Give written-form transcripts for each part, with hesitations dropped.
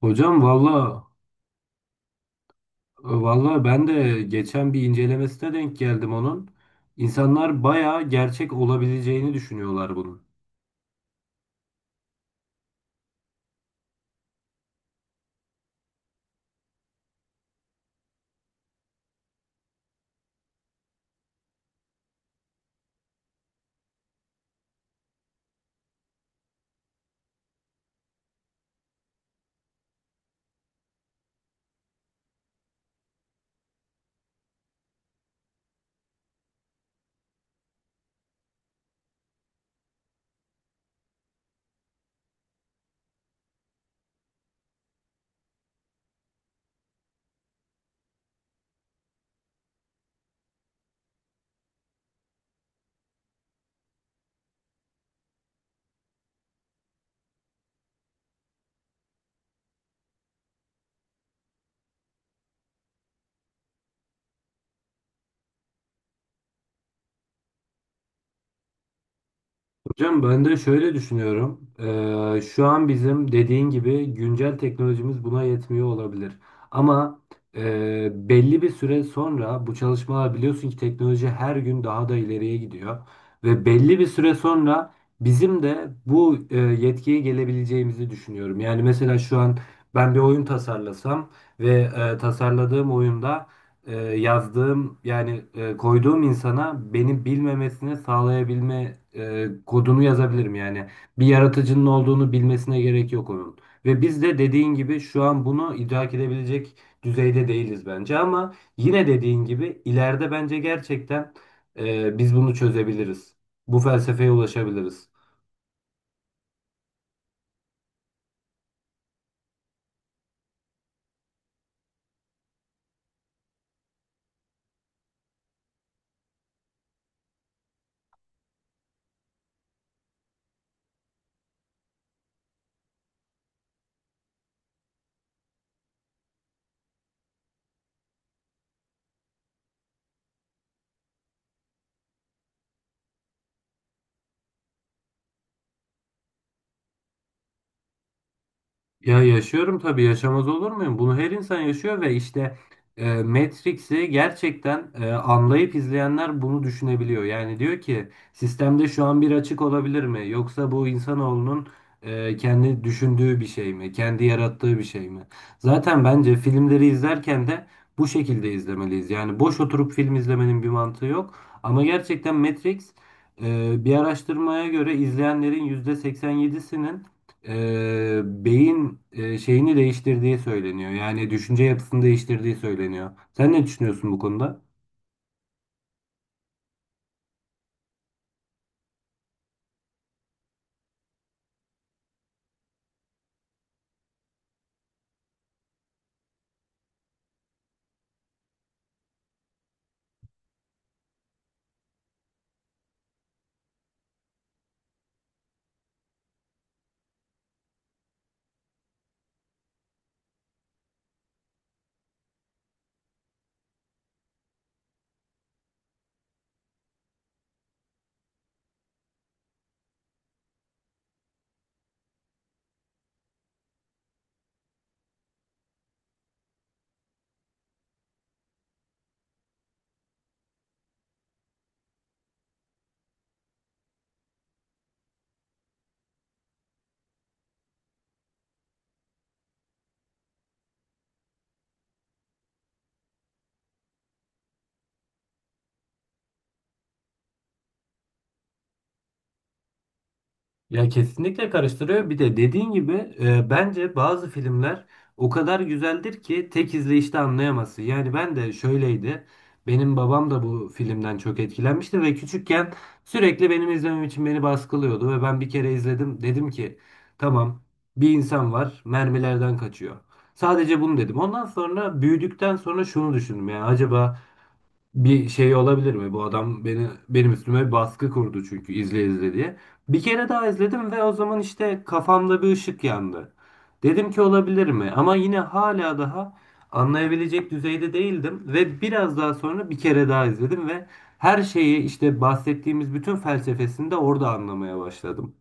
Hocam valla ben de geçen bir incelemesine denk geldim onun. İnsanlar bayağı gerçek olabileceğini düşünüyorlar bunun. Hocam ben de şöyle düşünüyorum. Şu an bizim dediğin gibi güncel teknolojimiz buna yetmiyor olabilir. Ama belli bir süre sonra bu çalışmalar biliyorsun ki teknoloji her gün daha da ileriye gidiyor. Ve belli bir süre sonra bizim de bu yetkiye gelebileceğimizi düşünüyorum. Yani mesela şu an ben bir oyun tasarlasam ve tasarladığım oyunda yazdığım yani koyduğum insana beni bilmemesini sağlayabilme kodunu yazabilirim yani. Bir yaratıcının olduğunu bilmesine gerek yok onun. Ve biz de dediğin gibi şu an bunu idrak edebilecek düzeyde değiliz bence ama yine dediğin gibi ileride bence gerçekten biz bunu çözebiliriz. Bu felsefeye ulaşabiliriz. Ya yaşıyorum tabii, yaşamaz olur muyum? Bunu her insan yaşıyor ve işte Matrix'i gerçekten anlayıp izleyenler bunu düşünebiliyor. Yani diyor ki sistemde şu an bir açık olabilir mi? Yoksa bu insanoğlunun kendi düşündüğü bir şey mi? Kendi yarattığı bir şey mi? Zaten bence filmleri izlerken de bu şekilde izlemeliyiz. Yani boş oturup film izlemenin bir mantığı yok. Ama gerçekten Matrix bir araştırmaya göre izleyenlerin %87'sinin beyin şeyini değiştirdiği söyleniyor. Yani düşünce yapısını değiştirdiği söyleniyor. Sen ne düşünüyorsun bu konuda? Ya kesinlikle karıştırıyor. Bir de dediğin gibi bence bazı filmler o kadar güzeldir ki tek izleyişte anlayamazsın. Yani ben de şöyleydi. Benim babam da bu filmden çok etkilenmişti ve küçükken sürekli benim izlemem için beni baskılıyordu ve ben bir kere izledim. Dedim ki tamam, bir insan var, mermilerden kaçıyor. Sadece bunu dedim. Ondan sonra büyüdükten sonra şunu düşündüm, yani acaba bir şey olabilir mi? Bu adam beni, benim üstüme bir baskı kurdu çünkü izle izle diye. Bir kere daha izledim ve o zaman işte kafamda bir ışık yandı. Dedim ki olabilir mi? Ama yine hala daha anlayabilecek düzeyde değildim ve biraz daha sonra bir kere daha izledim ve her şeyi işte bahsettiğimiz bütün felsefesini de orada anlamaya başladım.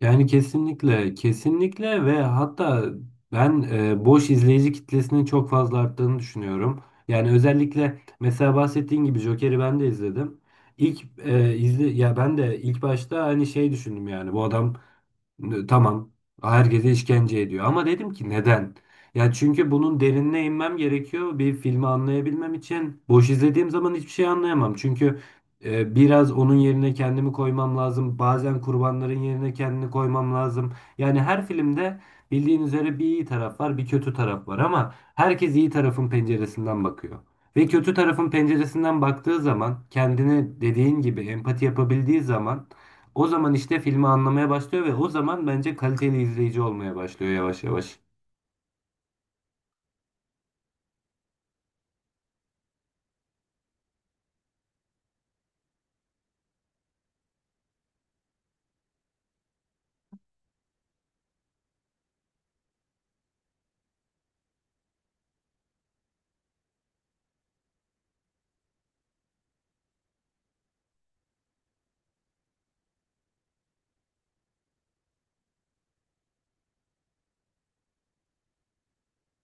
Yani kesinlikle, kesinlikle ve hatta ben boş izleyici kitlesinin çok fazla arttığını düşünüyorum. Yani özellikle mesela bahsettiğin gibi Joker'i ben de izledim. İlk izle, ya ben de ilk başta hani şey düşündüm, yani bu adam tamam. Herkese işkence ediyor. Ama dedim ki neden? Ya çünkü bunun derinine inmem gerekiyor. Bir filmi anlayabilmem için. Boş izlediğim zaman hiçbir şey anlayamam. Çünkü biraz onun yerine kendimi koymam lazım. Bazen kurbanların yerine kendini koymam lazım. Yani her filmde bildiğin üzere bir iyi taraf var, bir kötü taraf var ama herkes iyi tarafın penceresinden bakıyor. Ve kötü tarafın penceresinden baktığı zaman kendine dediğin gibi empati yapabildiği zaman o zaman işte filmi anlamaya başlıyor ve o zaman bence kaliteli izleyici olmaya başlıyor yavaş yavaş.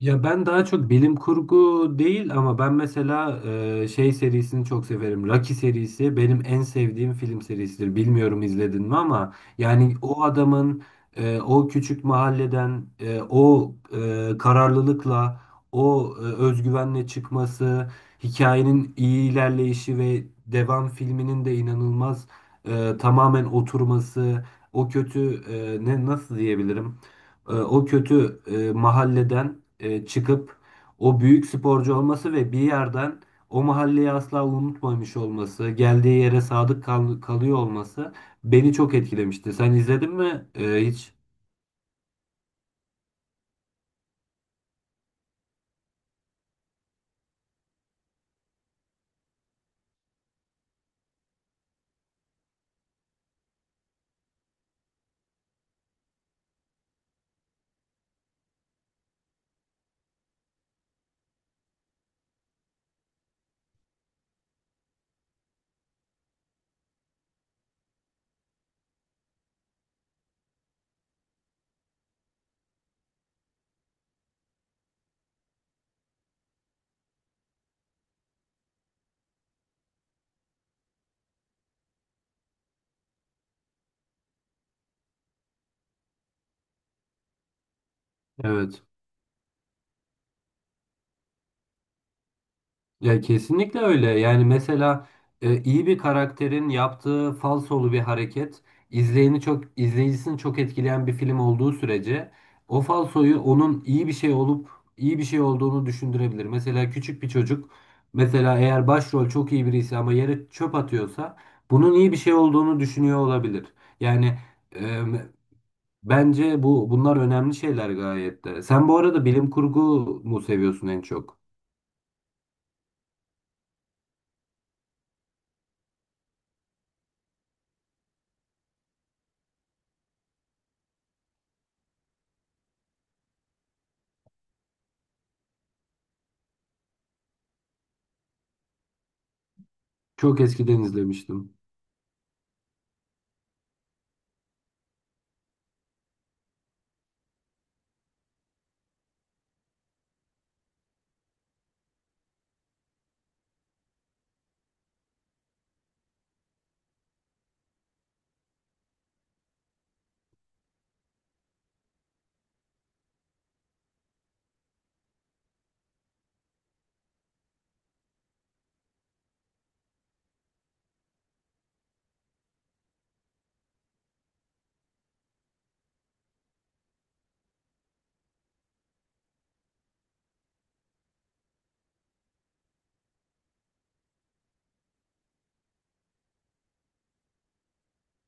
Ya ben daha çok bilim kurgu değil ama ben mesela şey serisini çok severim. Rocky serisi benim en sevdiğim film serisidir. Bilmiyorum izledin mi ama yani o adamın o küçük mahalleden, kararlılıkla, özgüvenle çıkması, hikayenin iyi ilerleyişi ve devam filminin de inanılmaz tamamen oturması, o kötü, ne, nasıl diyebilirim? O kötü mahalleden çıkıp o büyük sporcu olması ve bir yerden o mahalleyi asla unutmamış olması, geldiği yere kalıyor olması beni çok etkilemişti. Sen izledin mi? E, hiç. Evet. Ya kesinlikle öyle. Yani mesela iyi bir karakterin yaptığı falsolu bir hareket izleyeni çok izleyicisini çok etkileyen bir film olduğu sürece o falsoyu, onun iyi bir şey olup iyi bir şey olduğunu düşündürebilir. Mesela küçük bir çocuk, mesela eğer başrol çok iyi birisi ama yere çöp atıyorsa bunun iyi bir şey olduğunu düşünüyor olabilir. Yani e, bence bunlar önemli şeyler gayet de. Sen bu arada bilim kurgu mu seviyorsun en çok? Çok eskiden izlemiştim.